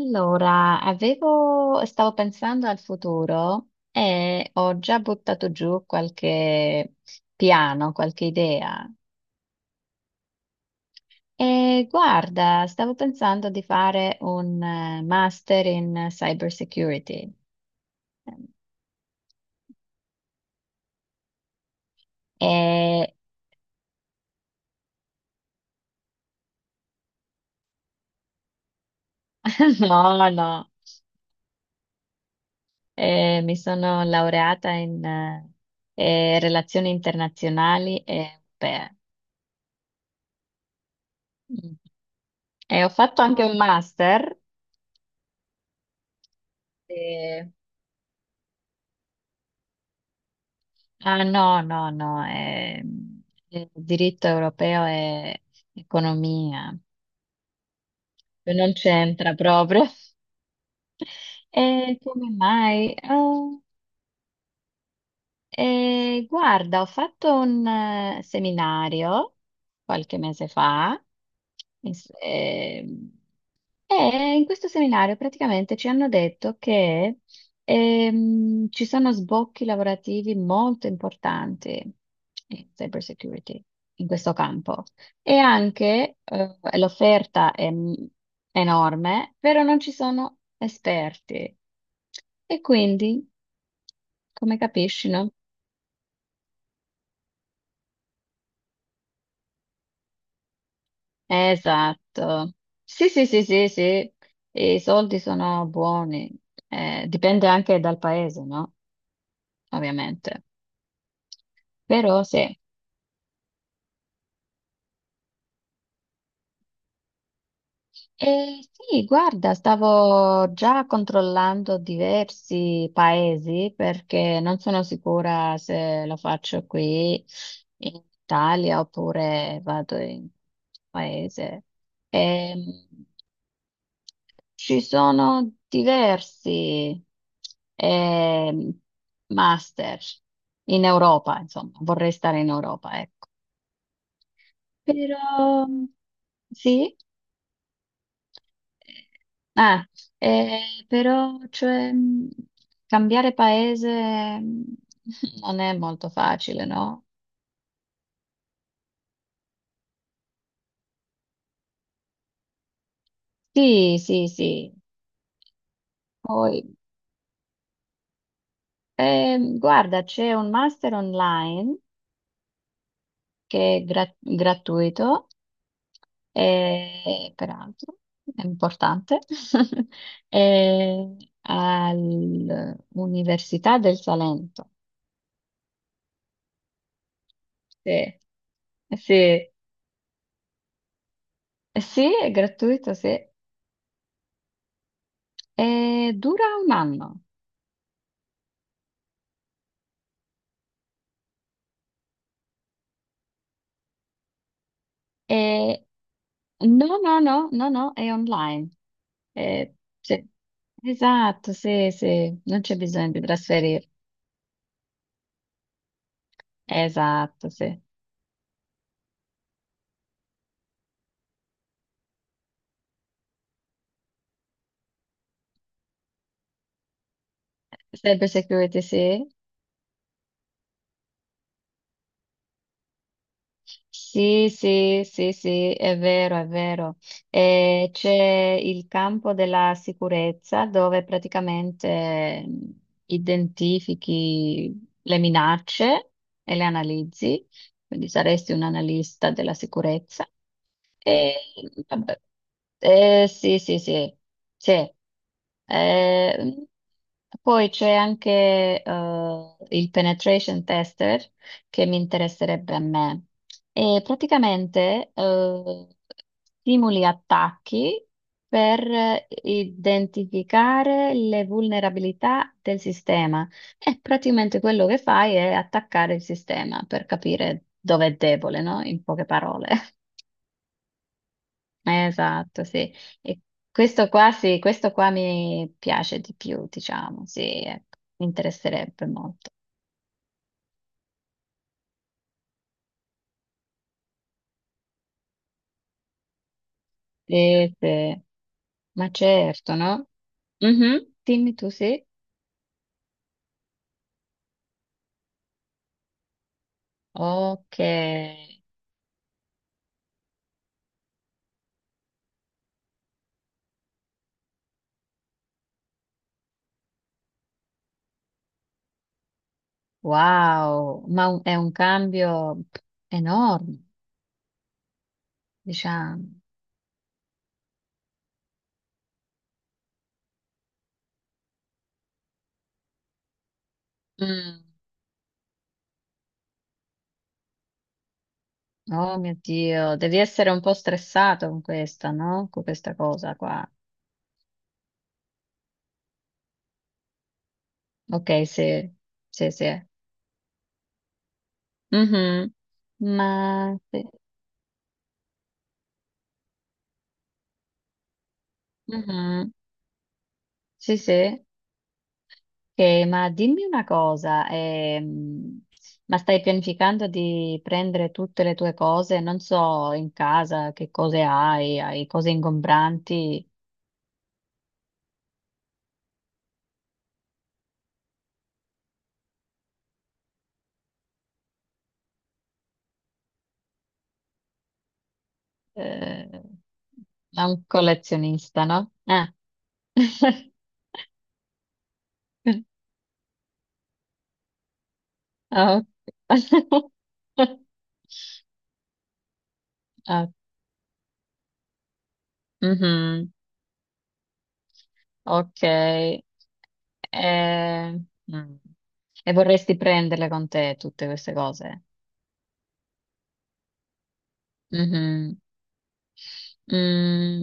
Allora, avevo, stavo pensando al futuro e ho già buttato giù qualche piano, qualche idea. E guarda, stavo pensando di fare un master in cyber security. E no, no, mi sono laureata in relazioni internazionali e europee. Mm. E ho fatto anche un master. Ah, no, no, no, il diritto europeo è economia, non c'entra proprio. E come mai? Oh, guarda, ho fatto un seminario qualche mese fa, in s- ehm, E in questo seminario praticamente ci hanno detto che ci sono sbocchi lavorativi molto importanti in cyber security, in questo campo. E anche l'offerta è enorme, però non ci sono esperti. E quindi, come capisci, no? Esatto. Sì, sì, sì, sì, sì. I soldi sono buoni. Dipende anche dal paese, no? Ovviamente. Però sì. E sì, guarda, stavo già controllando diversi paesi perché non sono sicura se lo faccio qui in Italia oppure vado in paese. Ehm, Ci sono diversi ehm, master in Europa, insomma, vorrei stare in Europa, ecco. Però sì. Ah, però cioè, cambiare paese non è molto facile, no? Sì, sì, sì. Poi, guarda, c'è un master online che è gratuito, e, peraltro è importante, è all'Università del Salento. Sì, sì, sì, è gratuito, sì. Dura un anno. Eh, no, no, no, no, no, è online. Eh, sì. Esatto, sì, sì, non c'è bisogno di trasferire. Esatto, sì. Cyber security, sì. Sì, sì, sì, sì, è vero, è vero. C'è il campo della sicurezza dove praticamente identifichi le minacce e le analizzi, quindi saresti un analista della sicurezza. Eh, vabbè. Sì, sì, sì, sì. Eh, Poi c'è anche il penetration tester che mi interesserebbe a me. E praticamente simuli attacchi per identificare le vulnerabilità del sistema. E praticamente quello che fai è attaccare il sistema per capire dove è debole, no? In poche parole. Esatto, sì. E questo qua sì, questo qua mi piace di più, diciamo, sì, ecco, mi interesserebbe molto. Sì, sì. Ma certo, no? Mhm, dimmi tu sì. Ok, wow, ma è un cambio enorme, diciamo. Mm. Oh mio Dio, devi essere un po' stressato con questa, no? Con questa cosa qua. Ok, sì, sì, sì. Mhm. Ma sì. Mhm. Sì, sì. Ma dimmi una cosa, ma stai pianificando di prendere tutte le tue cose? Non so, in casa che cose hai, hai cose ingombranti, eh, da un collezionista, no? Ah. Ah, ok. Ah, mhm, ok. Mm. E vorresti prenderle con te tutte queste cose? Mhm. Mm,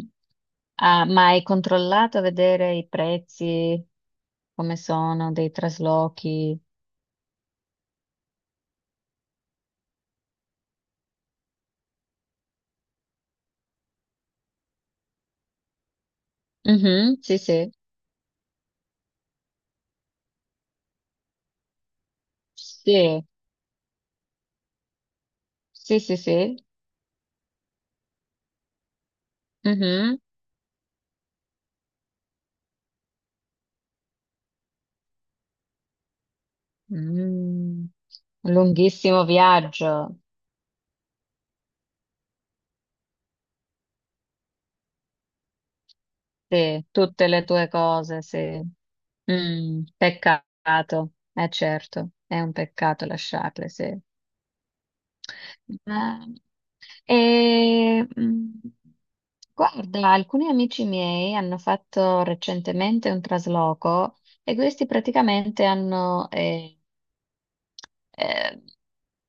ah, ma hai controllato a vedere i prezzi, come sono, dei traslochi? Mhm, sì, sì, sì, sì, sì, sì. Mhm. Mm, Lunghissimo viaggio, sì, tutte le tue cose, sì. Peccato, è certo, è un peccato lasciarle, sì. Bene. E, guarda, alcuni amici miei hanno fatto recentemente un trasloco e questi praticamente hanno, eh,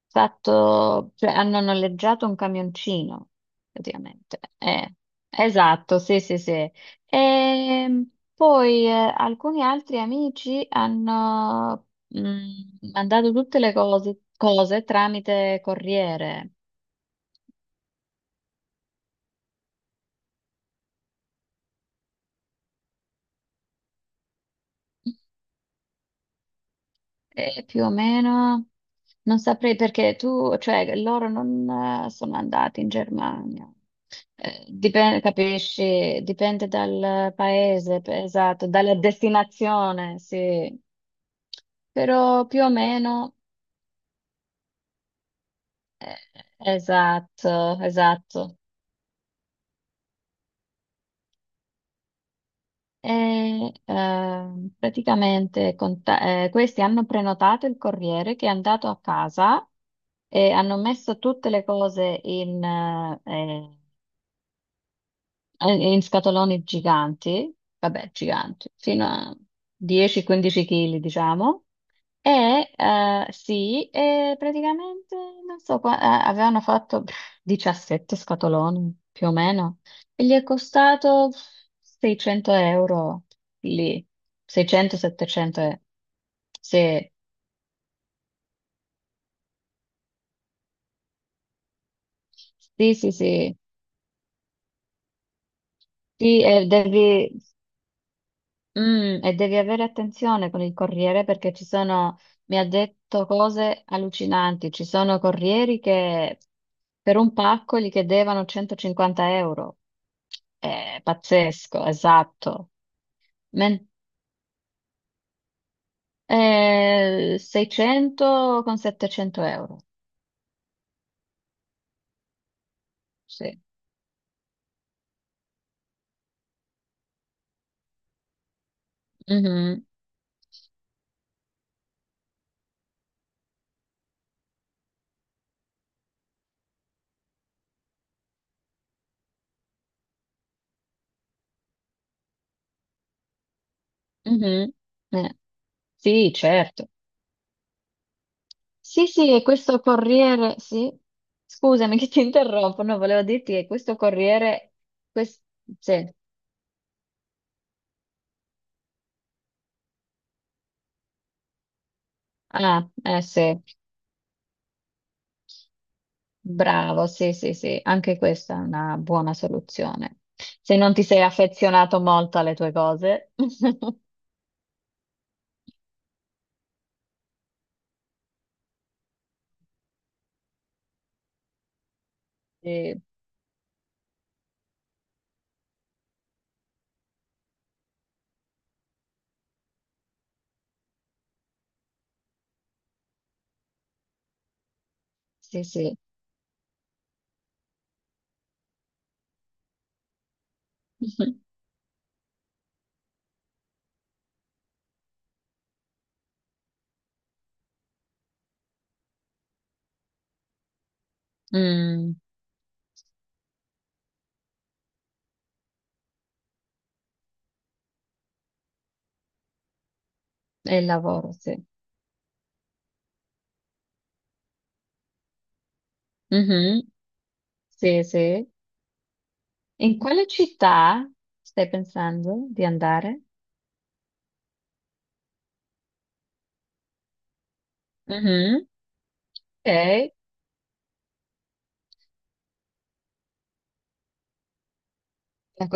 fatto, cioè, hanno noleggiato un camioncino, praticamente. Esatto, sì, sì, sì. E poi alcuni altri amici hanno mandato tutte le cose cose tramite corriere. Più o meno, non saprei perché tu, cioè loro non sono andati in Germania. Dipende, capisci? Dipende dal paese, esatto, dalla destinazione, sì. Però più o meno, eh, esatto, esatto. E praticamente questi hanno prenotato il corriere che è andato a casa e hanno messo tutte le cose in scatoloni giganti, vabbè, giganti, fino a 10-15 kg, diciamo. E sì, e praticamente non so, avevano fatto 17 scatoloni più o meno e gli è costato 600 euro lì, 600-700 euro. Sì, sì, sì, sì, sì. E devi avere attenzione con il corriere perché ci sono, mi ha detto cose allucinanti, ci sono corrieri che per un pacco gli chiedevano 150 euro. È pazzesco, esatto. Men- 600 con 700 euro. Sì. Mhm, mhm. Eh, sì, certo. Sì, sì, e questo corriere, sì, scusami che ti interrompo, no, volevo dirti che questo corriere, quest- sì, ah, sì, bravo, sì, sì, sì, anche questa è una buona soluzione. Se non ti sei affezionato molto alle tue cose, sì, sì, sì. Mhm. Mm, e il lavoro, sì. Mhm, sì, sì. In quale città stai pensando di andare? Mhm, ok.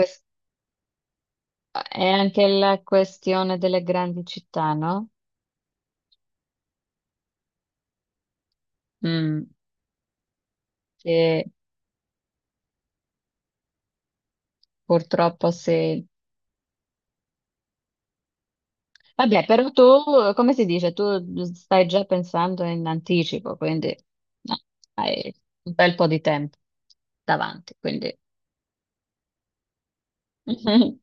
È anche la questione delle grandi città, no? Mm. Che purtroppo se... Vabbè, però tu, come si dice, tu stai già pensando in anticipo, quindi no, hai un bel po' di tempo davanti, quindi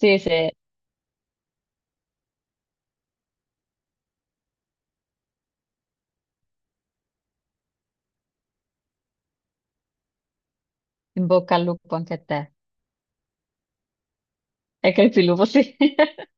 sì, sì, in bocca al lupo anche a te. E che il lupo, sì.